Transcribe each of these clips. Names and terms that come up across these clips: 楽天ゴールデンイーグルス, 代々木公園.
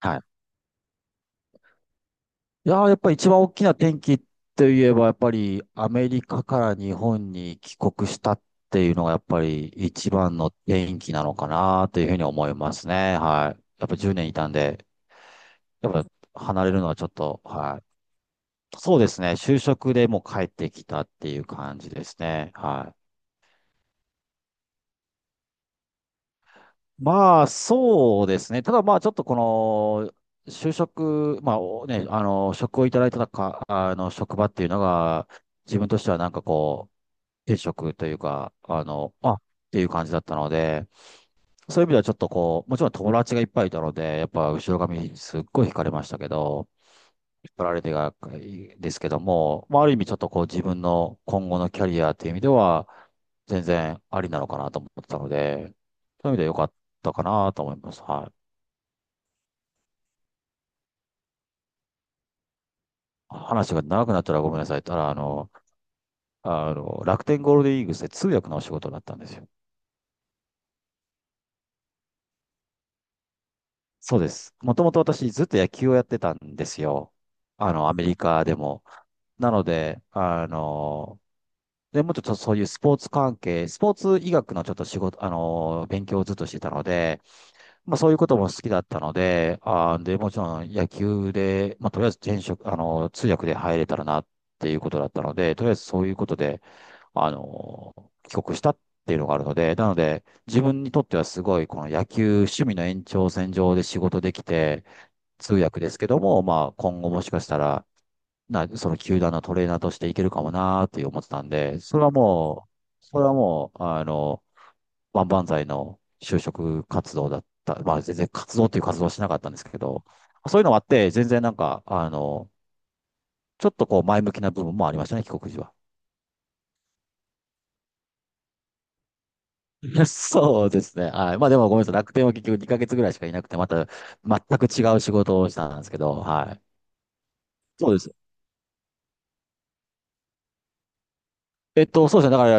はい。いやー、やっぱり一番大きな転機って言えば、やっぱりアメリカから日本に帰国したっていうのが、やっぱり一番の転機なのかなというふうに思いますね。はい。やっぱ10年いたんで、やっぱ離れるのはちょっと、はい。そうですね。就職でもう帰ってきたっていう感じですね。はい。まあ、そうですね。ただまあ、ちょっとこの、就職、まあ、職をいただいてたか、職場っていうのが、自分としてはなんか定職というか、ていう感じだったので、そういう意味ではちょっとこう、もちろん友達がいっぱいいたので、やっぱ後ろ髪すっごい惹かれましたけど、引っ張られてが、ですけども、まあ、ある意味ちょっとこう自分の今後のキャリアっていう意味では、全然ありなのかなと思ってたので、そういう意味では良かったかなと思います。はい。話が長くなったらごめんなさい。ただ、楽天ゴールデンイーグルスで通訳のお仕事だったんですよ。そうです。もともと私ずっと野球をやってたんですよ。アメリカでも。なので、で、もうちょっとそういうスポーツ関係、スポーツ医学のちょっと仕事、勉強をずっとしてたので、まあそういうことも好きだったので、あーで、もちろん野球で、まあとりあえず転職、通訳で入れたらなっていうことだったので、とりあえずそういうことで、帰国したっていうのがあるので、なので、自分にとってはすごい、この野球、趣味の延長線上で仕事できて、通訳ですけども、まあ、今後もしかしたら、その球団のトレーナーとしていけるかもなーって思ってたんで、それはもう、万々歳の就職活動だった。まあ、全然活動っていう活動はしなかったんですけど、そういうのもあって、全然なんか、ちょっとこう前向きな部分もありましたね、帰国時は。そうですね。はい。まあでもごめんなさい。楽天は結局2ヶ月ぐらいしかいなくて、また全く違う仕事をしたんですけど、はい。そうです。そうですね。だか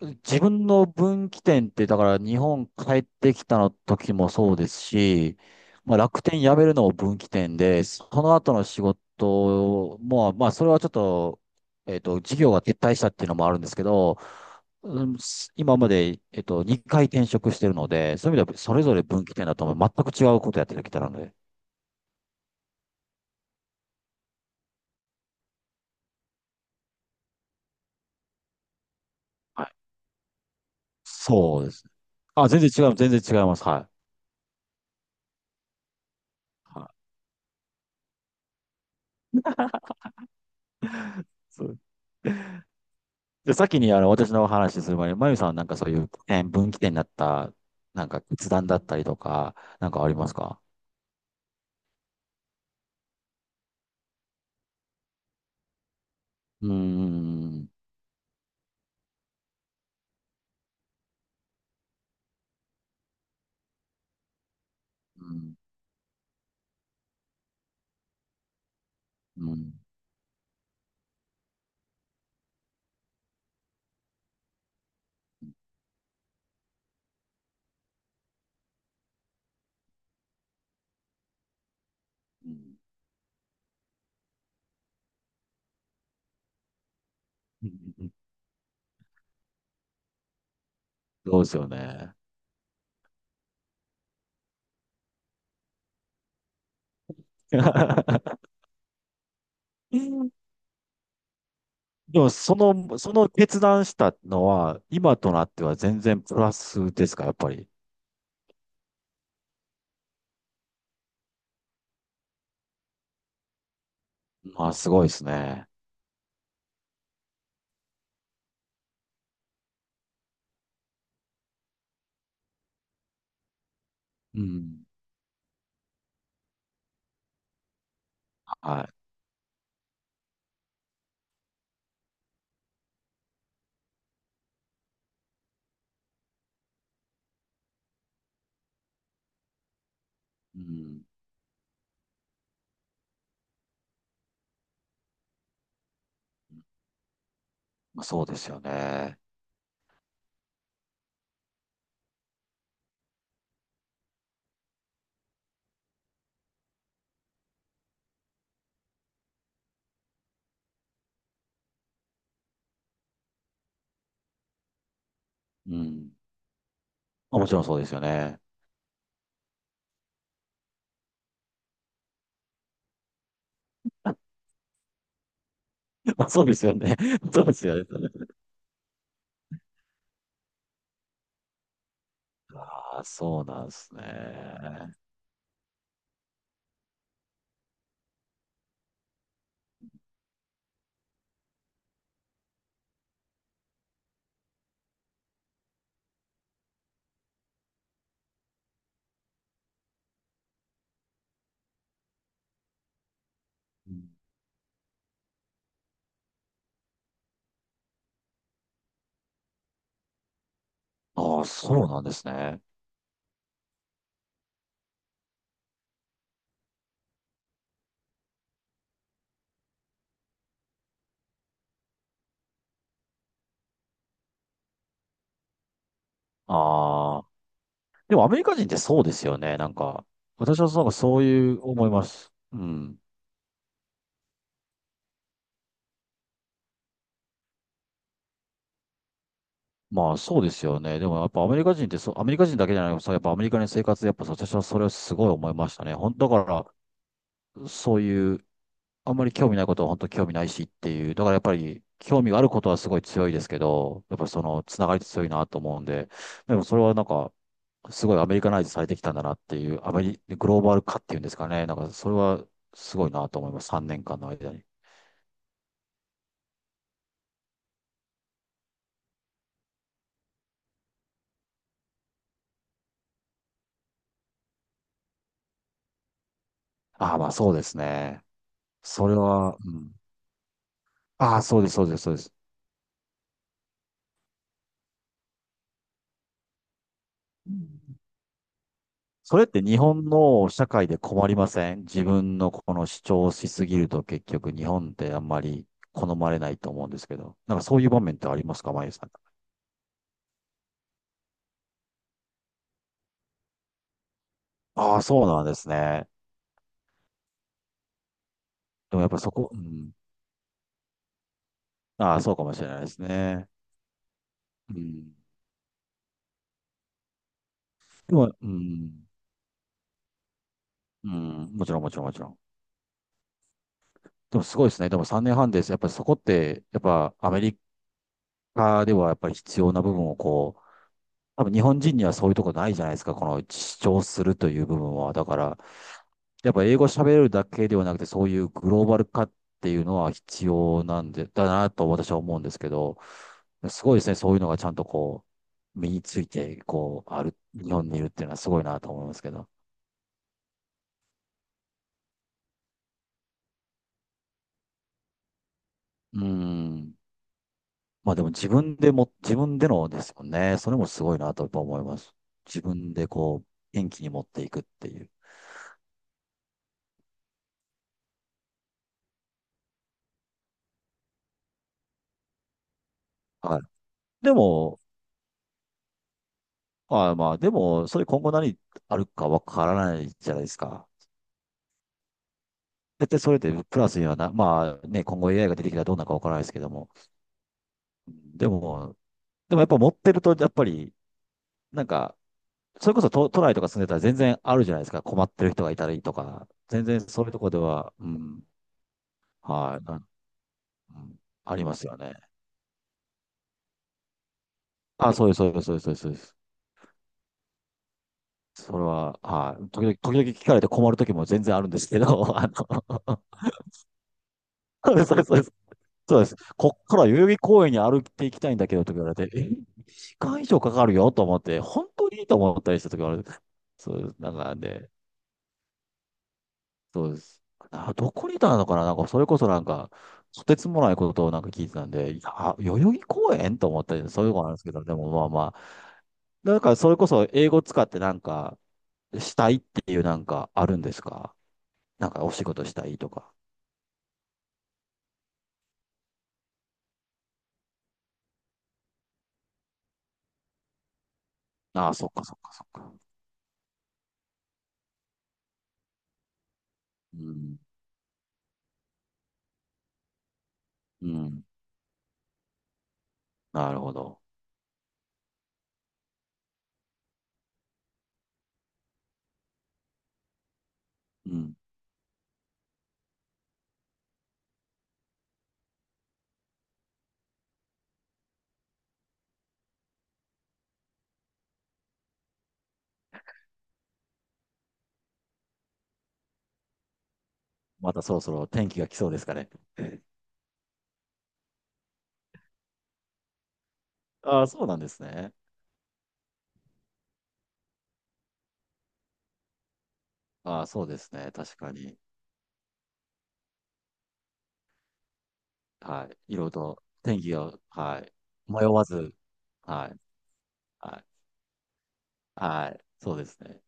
ら、自分の分岐点って、だから日本帰ってきたの時もそうですし、まあ、楽天辞めるのも分岐点で、その後の仕事も、まあ、それはちょっと、事業が撤退したっていうのもあるんですけど、うん。今まで、2回転職してるので、そういう意味ではそれぞれ分岐点だと思う。全く違うことやってきたので。はい。そうです。全然違います。はい。はい。そう。で、先に私の話する前に、まゆさんはなんかそういう点、分岐点になった、なんか決断だったりとか、なんかありますか？うーん。うん、うん、うん。そうですよね。でも、その決断したのは、今となっては全然プラスですか、やっぱり。まあ、すごいですね。うん。はい。うん。まあ、そうですよね。うん。まあもちろんそうですよね。まあ、そうですよね。そうですよね。あ、そうなんですね。うん。ああ、そうなんですね。ああ。でもアメリカ人ってそうですよね。なんか、私はなんかそういう思います。うん。まあそうですよね。でもやっぱアメリカ人ってそう、アメリカ人だけじゃなくて、そうやっぱアメリカの生活、やっぱ私はそれをすごい思いましたね。本当だから、そういう、あんまり興味ないことは本当興味ないしっていう。だからやっぱり、興味があることはすごい強いですけど、やっぱりその、つながりって強いなと思うんで、でもそれはなんか、すごいアメリカナイズされてきたんだなっていう、アメリ、グローバル化っていうんですかね。なんか、それはすごいなと思います。3年間の間に。ああ、まあそうですね。それは、うん。ああ、そうです、そうです、そうです。うん。それって日本の社会で困りません？自分のこの主張しすぎると結局日本ってあんまり好まれないと思うんですけど。なんかそういう場面ってありますか、マユさん？ああ、そうなんですね。でもやっぱそこ、うん。ああ、そうかもしれないですね。うん。でも、うん。うん、もちろん、もちろん、もちろん。でもすごいですね。でも3年半です。やっぱりそこって、やっぱアメリカではやっぱり必要な部分をこう、多分日本人にはそういうとこないじゃないですか。この主張するという部分は。だから、やっぱ英語喋れるだけではなくて、そういうグローバル化っていうのは必要なんで、だなと私は思うんですけど、すごいですね。そういうのがちゃんとこう、身について、こう、ある、日本にいるっていうのはすごいなと思いますけど。うん。まあでも自分でも、自分でのですもんね。それもすごいなとやっぱ思います。自分でこう、元気に持っていくっていう。はい。でも、まあまあでも、それ今後何あるかわからないじゃないですか。絶対それでプラスにはな、まあね、今後 AI が出てきたらどうなるかわからないですけども。でも、でもやっぱ持ってると、やっぱり、なんか、それこそ都内とか住んでたら全然あるじゃないですか。困ってる人がいたりとか。全然そういうとこでは、うん、はい、うん、ありますよね。あ、そうです、そうです、そうです、そうです。そうです。それは、はい。時々聞かれて困る時も全然あるんですけど、あの、そうです、そうです、そうです。そうです。こっから代々木公園に歩いていきたいんだけどと言われて、え、時間以上かかるよと思って、本当にいいと思ったりした時がある。そうです。なんかで、そうです。あ、どこにいたのかな？なんか、それこそなんか、とてつもないことをなんか聞いてたんで、いやあ、代々木公園と思ったり、そういうことなんですけど、でもまあまあ、なんか、それこそ英語使ってなんか、したいっていうなんかあるんですか？なんかお仕事したいとか。ああ、そっかそっかそっか。うん。うん。なるほど。うん。またそろそろ天気が来そうですかね。ああ、そうなんですね。ああ、そうですね。確かに。はい。いろいろと天気が、はい。迷わず、はい。はい。はい。そうですね。